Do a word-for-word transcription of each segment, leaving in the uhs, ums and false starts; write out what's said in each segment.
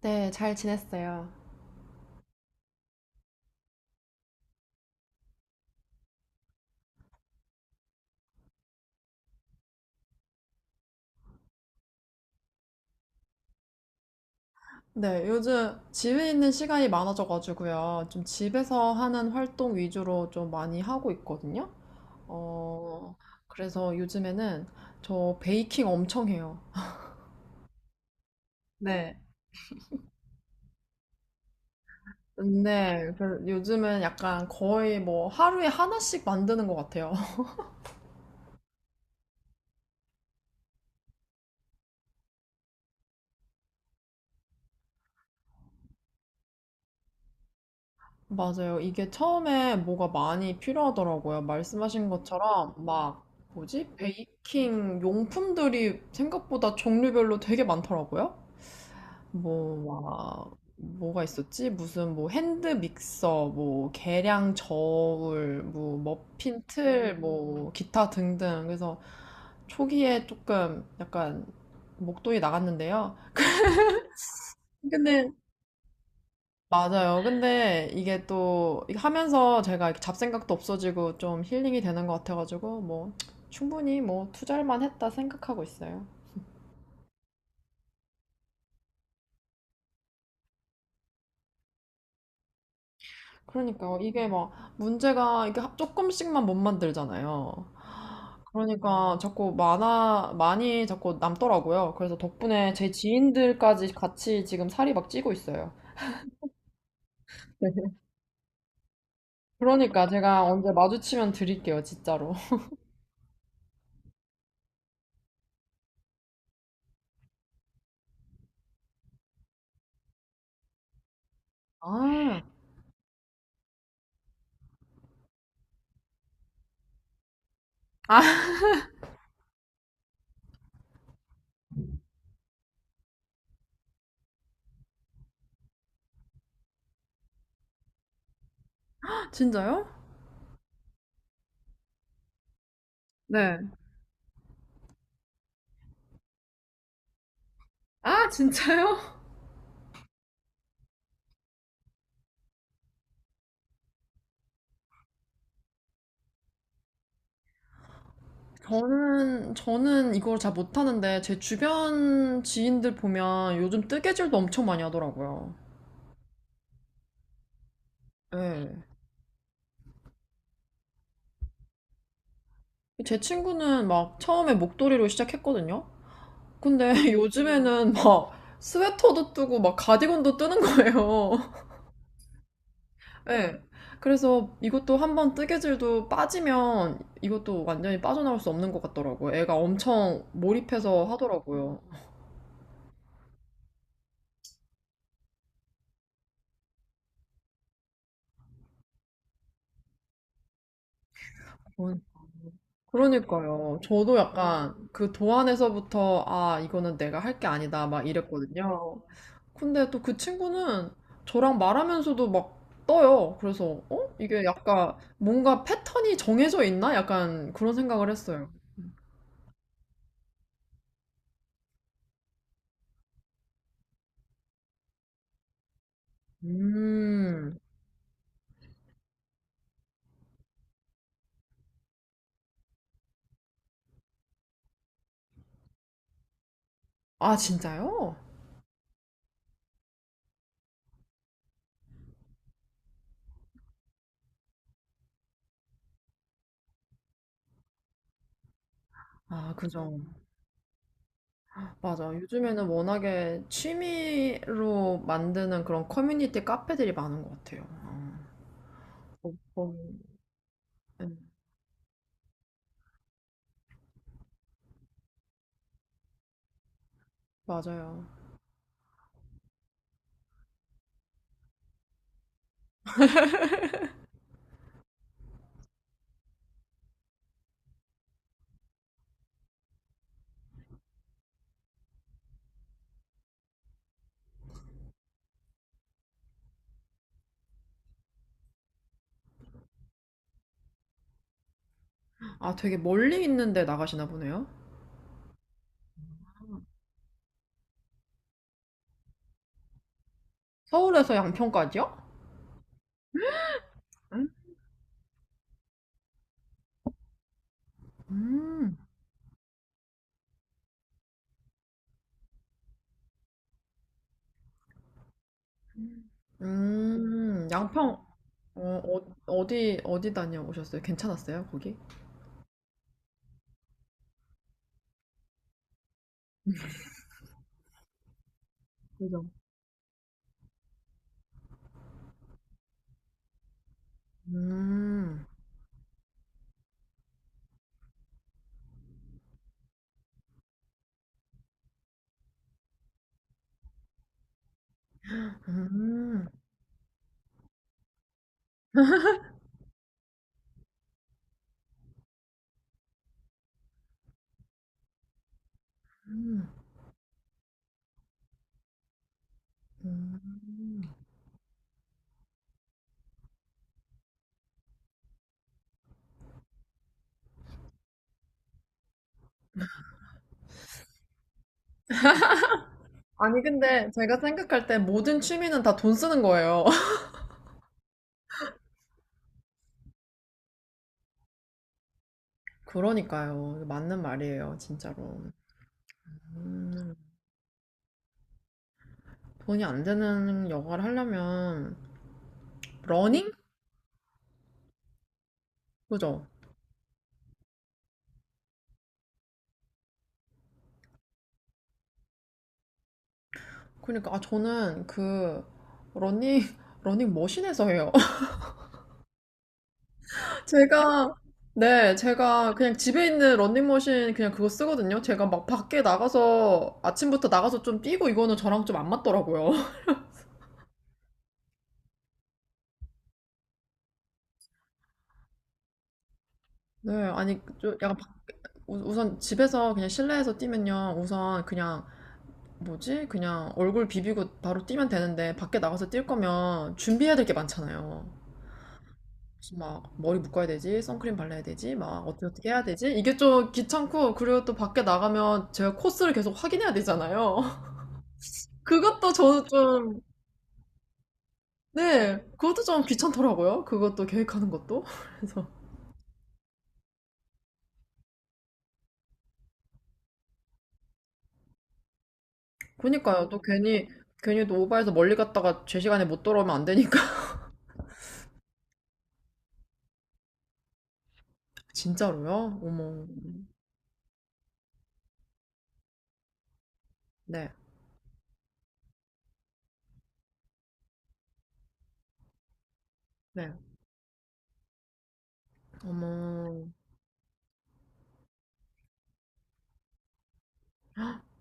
네, 잘 지냈어요. 네, 요즘 집에 있는 시간이 많아져가지고요. 좀 집에서 하는 활동 위주로 좀 많이 하고 있거든요. 어, 그래서 요즘에는 저 베이킹 엄청 해요. 네. 근데 그 요즘은 약간 거의 뭐 하루에 하나씩 만드는 것 같아요. 맞아요. 이게 처음에 뭐가 많이 필요하더라고요. 말씀하신 것처럼 막 뭐지? 베이킹 용품들이 생각보다 종류별로 되게 많더라고요. 뭐 막 뭐가 있었지? 무슨 뭐 핸드 믹서, 뭐 계량 저울, 뭐 머핀 틀, 뭐 기타 등등. 그래서 초기에 조금 약간 목돈이 나갔는데요. 근데 맞아요. 근데 이게 또 이게 하면서 제가 이렇게 잡생각도 없어지고 좀 힐링이 되는 것 같아가지고 뭐 충분히 뭐 투자할 만했다 생각하고 있어요. 그러니까 이게 막 문제가 이게 조금씩만 못 만들잖아요. 그러니까 자꾸 많아 많이 자꾸 남더라고요. 그래서 덕분에 제 지인들까지 같이 지금 살이 막 찌고 있어요. 그러니까 제가 언제 마주치면 드릴게요, 진짜로. 아, 아, 진짜요? 네. 아, 진짜요? 저는, 저는 이걸 잘 못하는데, 제 주변 지인들 보면 요즘 뜨개질도 엄청 많이 하더라고요. 예. 제 친구는 막 처음에 목도리로 시작했거든요? 근데 요즘에는 막 스웨터도 뜨고 막 가디건도 뜨는 거예요. 예. 그래서 이것도 한번 뜨개질도 빠지면 이것도 완전히 빠져나올 수 없는 것 같더라고요. 애가 엄청 몰입해서 하더라고요. 그러니까요. 저도 약간 그 도안에서부터 아, 이거는 내가 할 게 아니다 막 이랬거든요. 근데 또 그 친구는 저랑 말하면서도 막 떠요. 그래서 어? 이게 약간 뭔가 패턴이 정해져 있나? 약간 그런 생각을 했어요. 음. 아, 진짜요? 아, 그죠. 맞아. 요즘에는 워낙에 취미로 만드는 그런 커뮤니티 카페들이 많은 것 같아요. 음, 음, 맞아요. 아, 되게 멀리 있는데 나가시나 보네요. 서울에서 양평까지요? 응? 음, 음, 양평, 어, 어, 어디, 어디 다녀오셨어요? 괜찮았어요, 거기? 그죠? 음, 음, 음, 음. 아니, 근데 제가 생각할 때 모든 취미는 다 돈 쓰는 거예요. 그러니까요. 맞는 말이에요, 진짜로. 음, 돈이 안 되는 영화를 하려면, 러닝? 그죠? 그러니까, 아, 저는 그, 러닝, 러닝 머신에서 해요. 제가, 네, 제가 그냥 집에 있는 런닝머신 그냥 그거 쓰거든요. 제가 막 밖에 나가서 아침부터 나가서 좀 뛰고 이거는 저랑 좀 안 맞더라고요. 네, 아니, 좀 약간 밖- 우- 우선 집에서 그냥 실내에서 뛰면요. 우선 그냥 뭐지? 그냥 얼굴 비비고 바로 뛰면 되는데 밖에 나가서 뛸 거면 준비해야 될 게 많잖아요. 무슨 막 머리 묶어야 되지, 선크림 발라야 되지, 막 어떻게 어떻게 해야 되지? 이게 좀 귀찮고 그리고 또 밖에 나가면 제가 코스를 계속 확인해야 되잖아요. 그것도 저는 좀 네, 그것도 좀 귀찮더라고요. 그것도 계획하는 것도. 그래서 그니까요. 또 괜히 괜히 또 오바해서 멀리 갔다가 제 시간에 못 돌아오면 안 되니까. 진짜로요? 어머. 네, 네. 어머.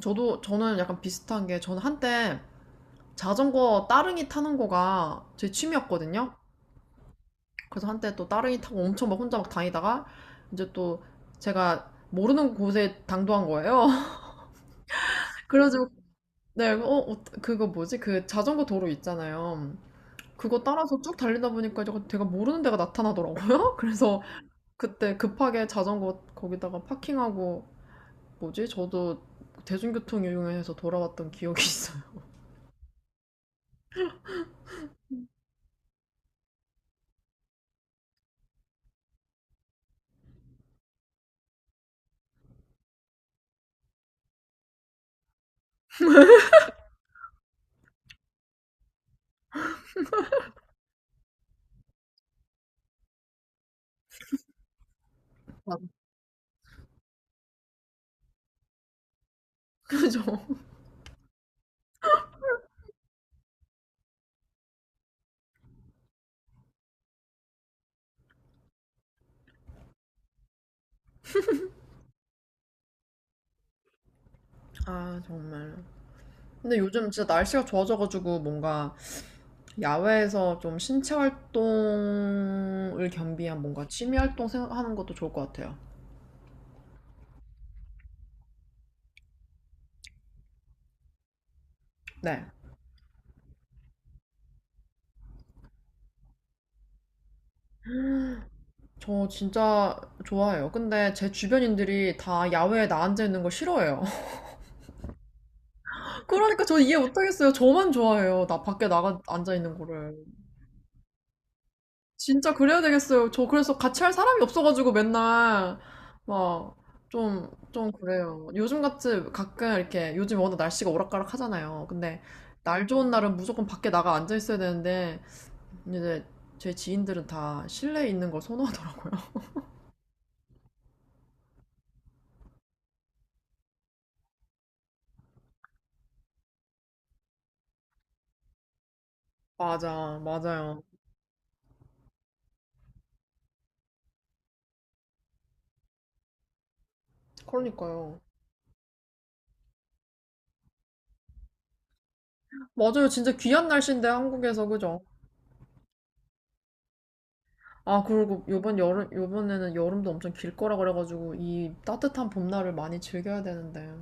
저도 저는 약간 비슷한 게 저는 한때 자전거 따릉이 타는 거가 제 취미였거든요. 그래서 한때 또 따릉이 타고 엄청 막 혼자 막 다니다가 이제 또 제가 모르는 곳에 당도한 거예요. 그래가지고 네, 어, 어, 그거 뭐지? 그 자전거 도로 있잖아요. 그거 따라서 쭉 달리다 보니까 제가, 제가 모르는 데가 나타나더라고요. 그래서 그때 급하게 자전거 거기다가 파킹하고 뭐지? 저도 대중교통 이용해서 돌아왔던 기억이 있어요. 그죠? 아, 정말. 근데 요즘 진짜 날씨가 좋아져가지고 뭔가 야외에서 좀 신체 활동을 겸비한 뭔가 취미 활동 하는 것도 좋을 것 같아요. 네. 저 진짜 좋아해요. 근데 제 주변인들이 다 야외에 나앉아 있는 거 싫어해요. 그러니까 저 이해 못하겠어요. 저만 좋아해요. 나 밖에 나가 앉아 있는 거를. 진짜 그래야 되겠어요. 저 그래서 같이 할 사람이 없어가지고 맨날 막 좀, 좀 그래요. 요즘 같이 가끔 이렇게 요즘 워낙 날씨가 오락가락 하잖아요. 근데 날 좋은 날은 무조건 밖에 나가 앉아 있어야 되는데 이제 제 지인들은 다 실내에 있는 걸 선호하더라고요. 맞아, 맞아요. 그러니까요. 맞아요. 진짜 귀한 날씨인데 한국에서 그죠? 아, 그리고 요번 여름, 요번에는 여름도 엄청 길 거라 그래가지고 이 따뜻한 봄날을 많이 즐겨야 되는데.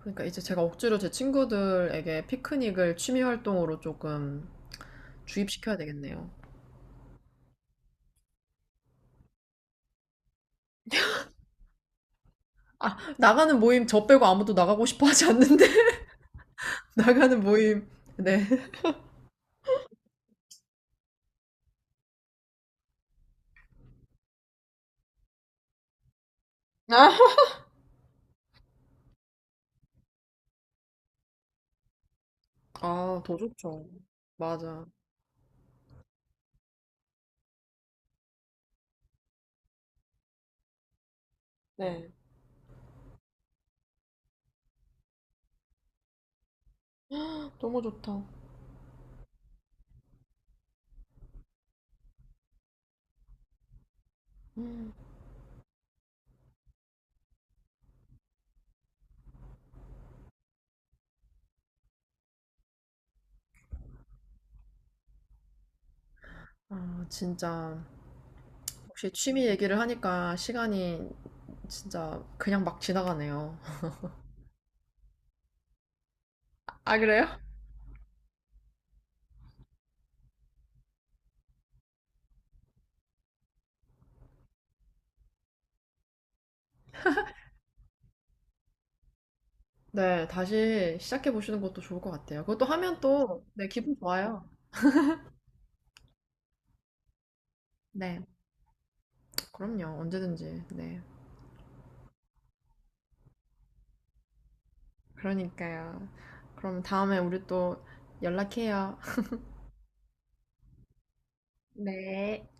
그러니까 이제 제가 억지로 제 친구들에게 피크닉을 취미 활동으로 조금 주입시켜야 되겠네요. 아, 나가는 모임 저 빼고 아무도 나가고 싶어 하지 않는데. 나가는 모임. 네. 아, 아, 더 좋죠. 맞아. 네. 너무 좋다. 음. 아, 진짜. 혹시 취미 얘기를 하니까 시간이 진짜 그냥 막 지나가네요. 아, 그래요? 네, 다시 시작해 보시는 것도 좋을 것 같아요. 그것도 하면 또, 네, 기분 좋아요. 네, 그럼요. 언제든지. 네, 그러니까요. 그럼 다음에 우리 또 연락해요. 네.